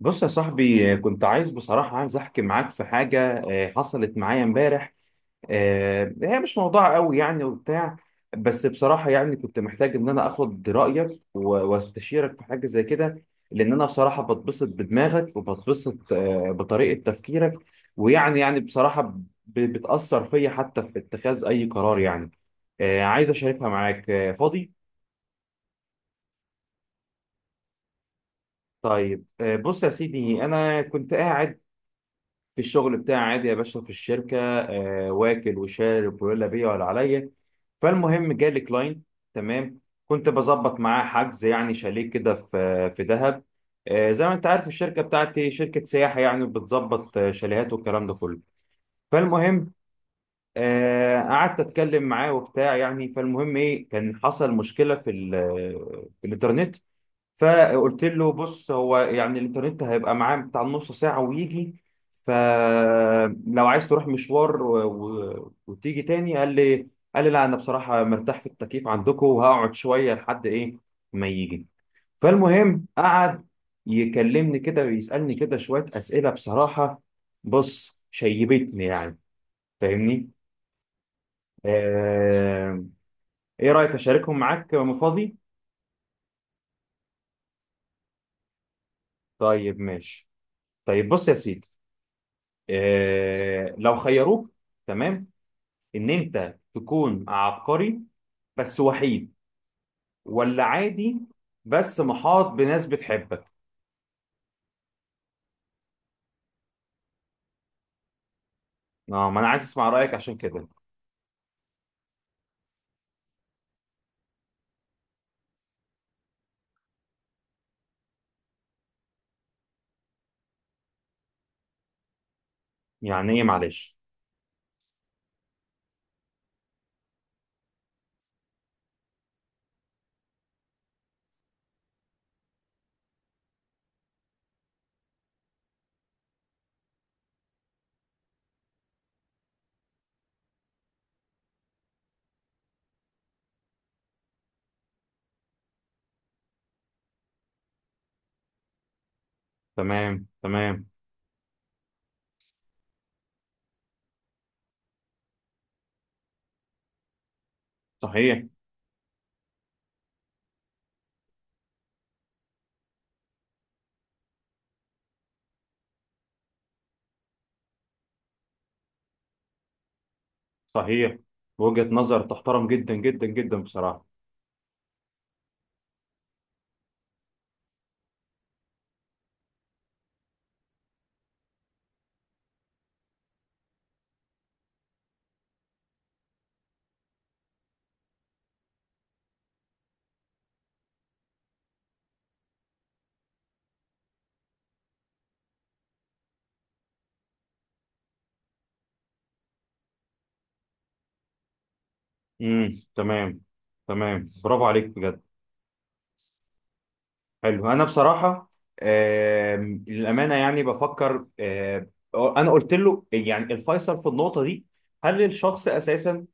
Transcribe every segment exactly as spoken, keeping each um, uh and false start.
بص يا صاحبي، آه، كنت عايز بصراحة عايز أحكي معاك في حاجة آه، حصلت معايا امبارح. آه، هي مش موضوع قوي يعني وبتاع. بس بصراحة يعني كنت محتاج إن أنا آخد رأيك و- واستشيرك في حاجة زي كده، لأن أنا بصراحة بتبسط بدماغك وبتبسط آه، بطريقة تفكيرك، ويعني يعني بصراحة ب- بتأثر فيا حتى في اتخاذ أي قرار يعني. آه، عايز أشاركها معاك. آه، فاضي؟ طيب، آه، بص يا سيدي، أنا كنت قاعد في الشغل بتاعي عادي يا باشا في الشركة، آه واكل وشارب ولا بيا ولا عليا، فالمهم جالي كلاين، تمام، كنت بظبط معاه حجز يعني شاليه كده في في دهب. آه زي ما انت عارف الشركة بتاعتي شركة سياحة يعني بتظبط آه، شاليهات والكلام ده كله. فالمهم، آه قعدت اتكلم معاه وبتاع يعني، فالمهم ايه، كان حصل مشكلة في ال- آه، في الانترنت، فقلت له: بص، هو يعني الانترنت هيبقى معاه بتاع نص ساعة ويجي، فلو عايز تروح مشوار و... و... وتيجي تاني. قال لي قال لي لا، انا بصراحة مرتاح في التكييف عندكم وهقعد شوية لحد ايه ما يجي. فالمهم قعد يكلمني كده ويسألني كده شوية أسئلة، بصراحة بص شيبتني يعني، فاهمني؟ آه... ايه رأيك اشاركهم معاك وانا فاضي؟ طيب، ماشي. طيب بص يا سيدي، آه، لو خيروك، تمام، ان انت تكون عبقري بس وحيد، ولا عادي بس محاط بناس بتحبك؟ اه، ما انا عايز اسمع رايك عشان كده. يعني ايه، معلش؟ تمام، تمام. صحيح. صحيح، وجهة نظر تحترم جدا جدا جدا بصراحة. امم، تمام. تمام، برافو عليك بجد. حلو. انا بصراحه، آم، للامانه يعني بفكر، آم، انا قلت له يعني الفيصل في النقطه دي: هل الشخص اساسا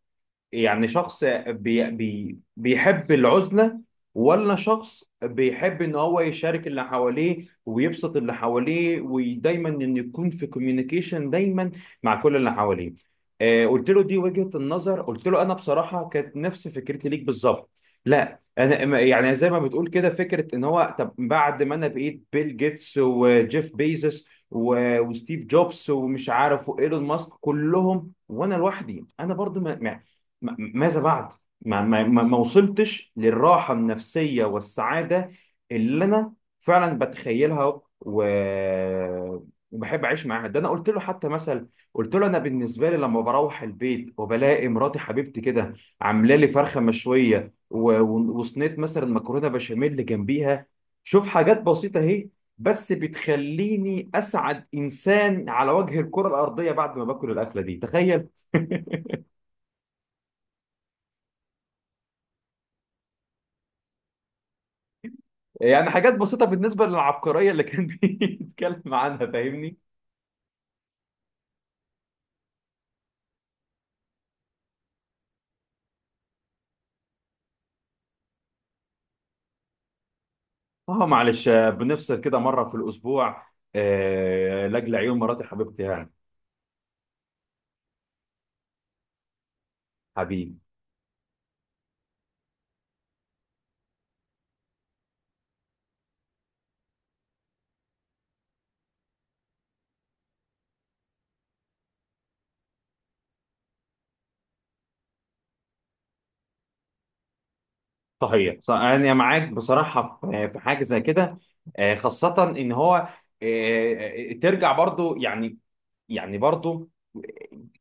يعني شخص بي بي بيحب العزلة، ولا شخص بيحب ان هو يشارك اللي حواليه ويبسط اللي حواليه ودايما ان يكون في كوميونيكيشن دايما مع كل اللي حواليه؟ آه قلت له: دي وجهة النظر. قلت له: انا بصراحة كانت نفس فكرتي ليك بالظبط. لا، انا ما- يعني زي ما بتقول كده، فكرة ان هو طب بعد ما انا بقيت بيل جيتس وجيف بيزوس و- وستيف جوبز ومش عارف وايلون ماسك كلهم وانا لوحدي، انا برضو، ما م- ماذا بعد؟ ما, ما, ما ما وصلتش للراحة النفسية والسعادة اللي أنا فعلا بتخيلها و... وبحب أعيش معاها. ده أنا قلت له حتى مثل، قلت له: أنا بالنسبة لي لما بروح البيت وبلاقي مراتي حبيبتي كده عاملة لي فرخة مشوية و... و- وصينية مثلا مكرونة بشاميل جنبيها، شوف حاجات بسيطة أهي، بس بتخليني أسعد إنسان على وجه الكرة الأرضية بعد ما باكل الأكلة دي، تخيل. يعني حاجات بسيطة بالنسبة للعبقرية اللي كان بيتكلم عنها، فاهمني؟ اه، معلش، آه، بنفصل كده مرة في الأسبوع، آه، لأجل عيون مراتي حبيبتي يعني. حبيبي. صحيح. ص- أنا معاك بصراحة في في حاجة زي كده، آه، خاصة إن هو آه، آه، ترجع برضو يعني. يعني برضو،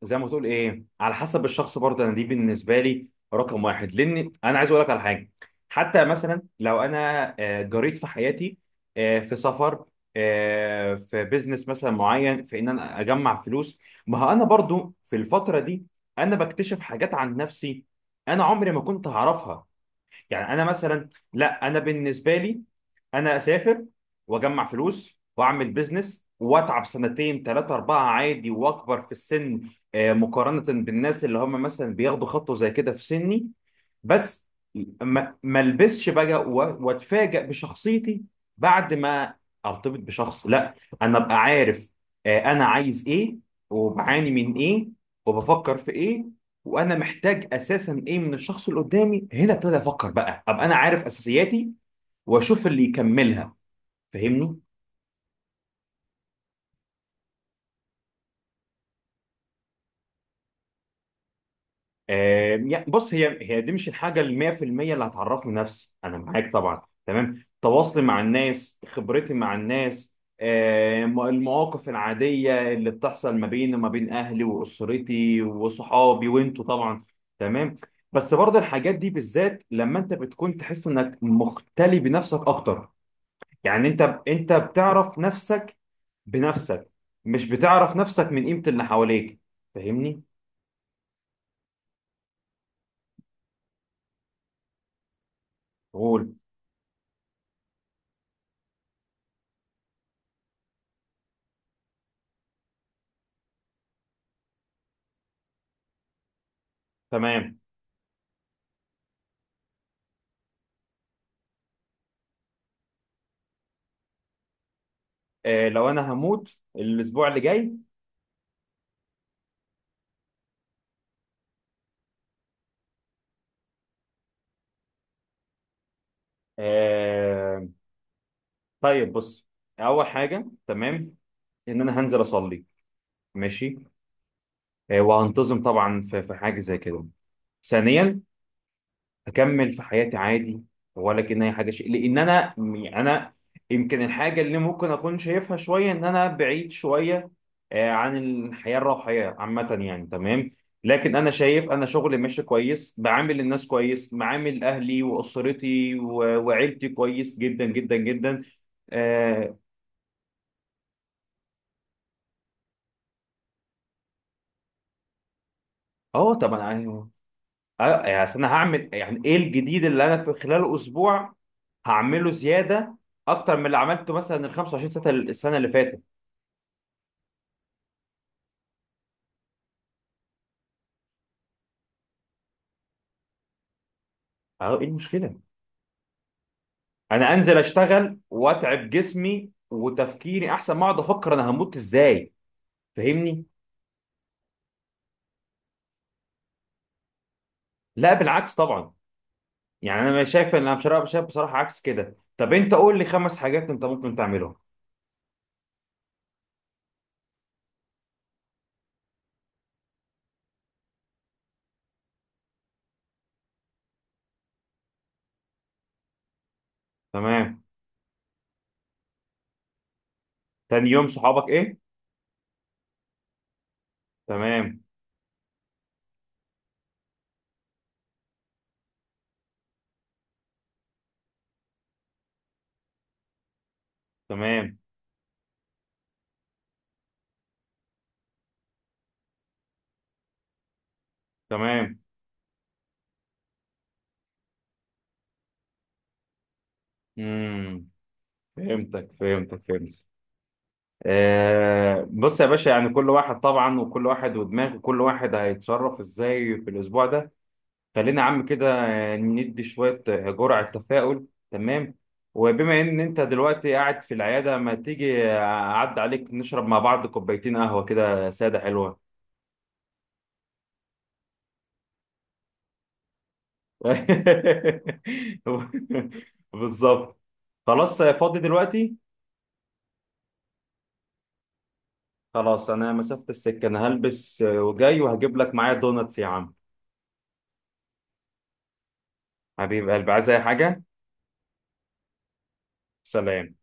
زي ما تقول ايه، على حسب الشخص، برضه انا دي بالنسبه لي رقم واحد، لان انا عايز اقول لك على حاجه: حتى مثلا لو انا آه، جريت في حياتي، آه، في سفر، آه، في بيزنس مثلا معين، في ان انا اجمع فلوس، ما هو انا برضو في الفتره دي انا بكتشف حاجات عن نفسي انا عمري ما كنت هعرفها. يعني انا مثلا، لا، انا بالنسبه لي انا اسافر واجمع فلوس واعمل بيزنس واتعب سنتين ثلاثه اربعه عادي، واكبر في السن آه، مقارنه بالناس اللي هم مثلا بياخدوا خطوه زي كده في سني، بس ما ما البسش بقى و- واتفاجئ بشخصيتي بعد ما ارتبط بشخص. لا، انا ابقى عارف آه، انا عايز ايه، وبعاني من ايه، وبفكر في ايه، وانا محتاج اساسا ايه من الشخص اللي قدامي، هنا ابتدي افكر بقى، ابقى انا عارف اساسياتي واشوف اللي يكملها، فاهمني؟ آه يعني بص، هي هي دي مش الحاجه ال ميه في الميه اللي هتعرفني نفسي، انا معاك طبعا، تمام، تواصلي مع الناس، خبرتي مع الناس، آه م- المواقف العاديه اللي بتحصل ما بيني وما بين اهلي واسرتي وصحابي وانتوا طبعا، تمام. بس برضه الحاجات دي بالذات لما انت بتكون تحس انك مختلي بنفسك اكتر، يعني انت ب... انت بتعرف نفسك بنفسك، مش بتعرف نفسك من قيمة اللي حواليك، فاهمني؟ قول. تمام. آه لو انا هموت الاسبوع اللي جاي، آه طيب بص: اول حاجة، تمام، ان انا هنزل اصلي، ماشي، آه وهنتظم طبعا في في حاجة زي كده. ثانيا، اكمل في حياتي عادي، ولا كان اي حاجه شيء، لان انا يعني انا يمكن الحاجه اللي ممكن اكون شايفها شويه ان انا بعيد شويه آه، عن الحياه الروحيه عامه يعني، تمام. لكن انا شايف انا شغلي ماشي كويس، بعامل الناس كويس، بعامل اهلي واسرتي و- وعيلتي كويس جدا جدا جدا، اه. آه، طب انا، آه، آه، يعني أصل انا هعمل يعني ايه الجديد اللي انا في خلال اسبوع هعمله زياده اكتر من اللي عملته مثلا ال خمسة وعشرين سنه السنه اللي فاتت؟ اه، ايه المشكله؟ انا انزل اشتغل واتعب جسمي وتفكيري احسن ما اقعد افكر انا هموت ازاي، فاهمني؟ لا، بالعكس طبعا. يعني انا مش شايف ان انا مش شايف شايف بصراحه، عكس كده. طب انت قول لي خمس حاجات انت ممكن تعملهم؟ تمام. تاني يوم صحابك، ايه؟ تمام. تمام. تمام. امم. فهمتك، فهمتك، فهمتك. آه بص يا باشا، يعني كل واحد طبعا، وكل واحد ودماغه، كل واحد هيتصرف ازاي في الاسبوع ده. خلينا يا عم كده آه، ندي شوية آه، جرعة تفاؤل، تمام. وبما إن أنت دلوقتي قاعد في العيادة، ما تيجي أعدي عليك نشرب مع بعض كوبايتين قهوة كده سادة حلوة؟ بالظبط. خلاص، آه، فاضي دلوقتي؟ خلاص، أنا مسافة السكة، أنا هلبس آه، وجاي، وهجيب لك معايا دوناتس يا عم. حبيب قلبي، عايز أي حاجة؟ سلام.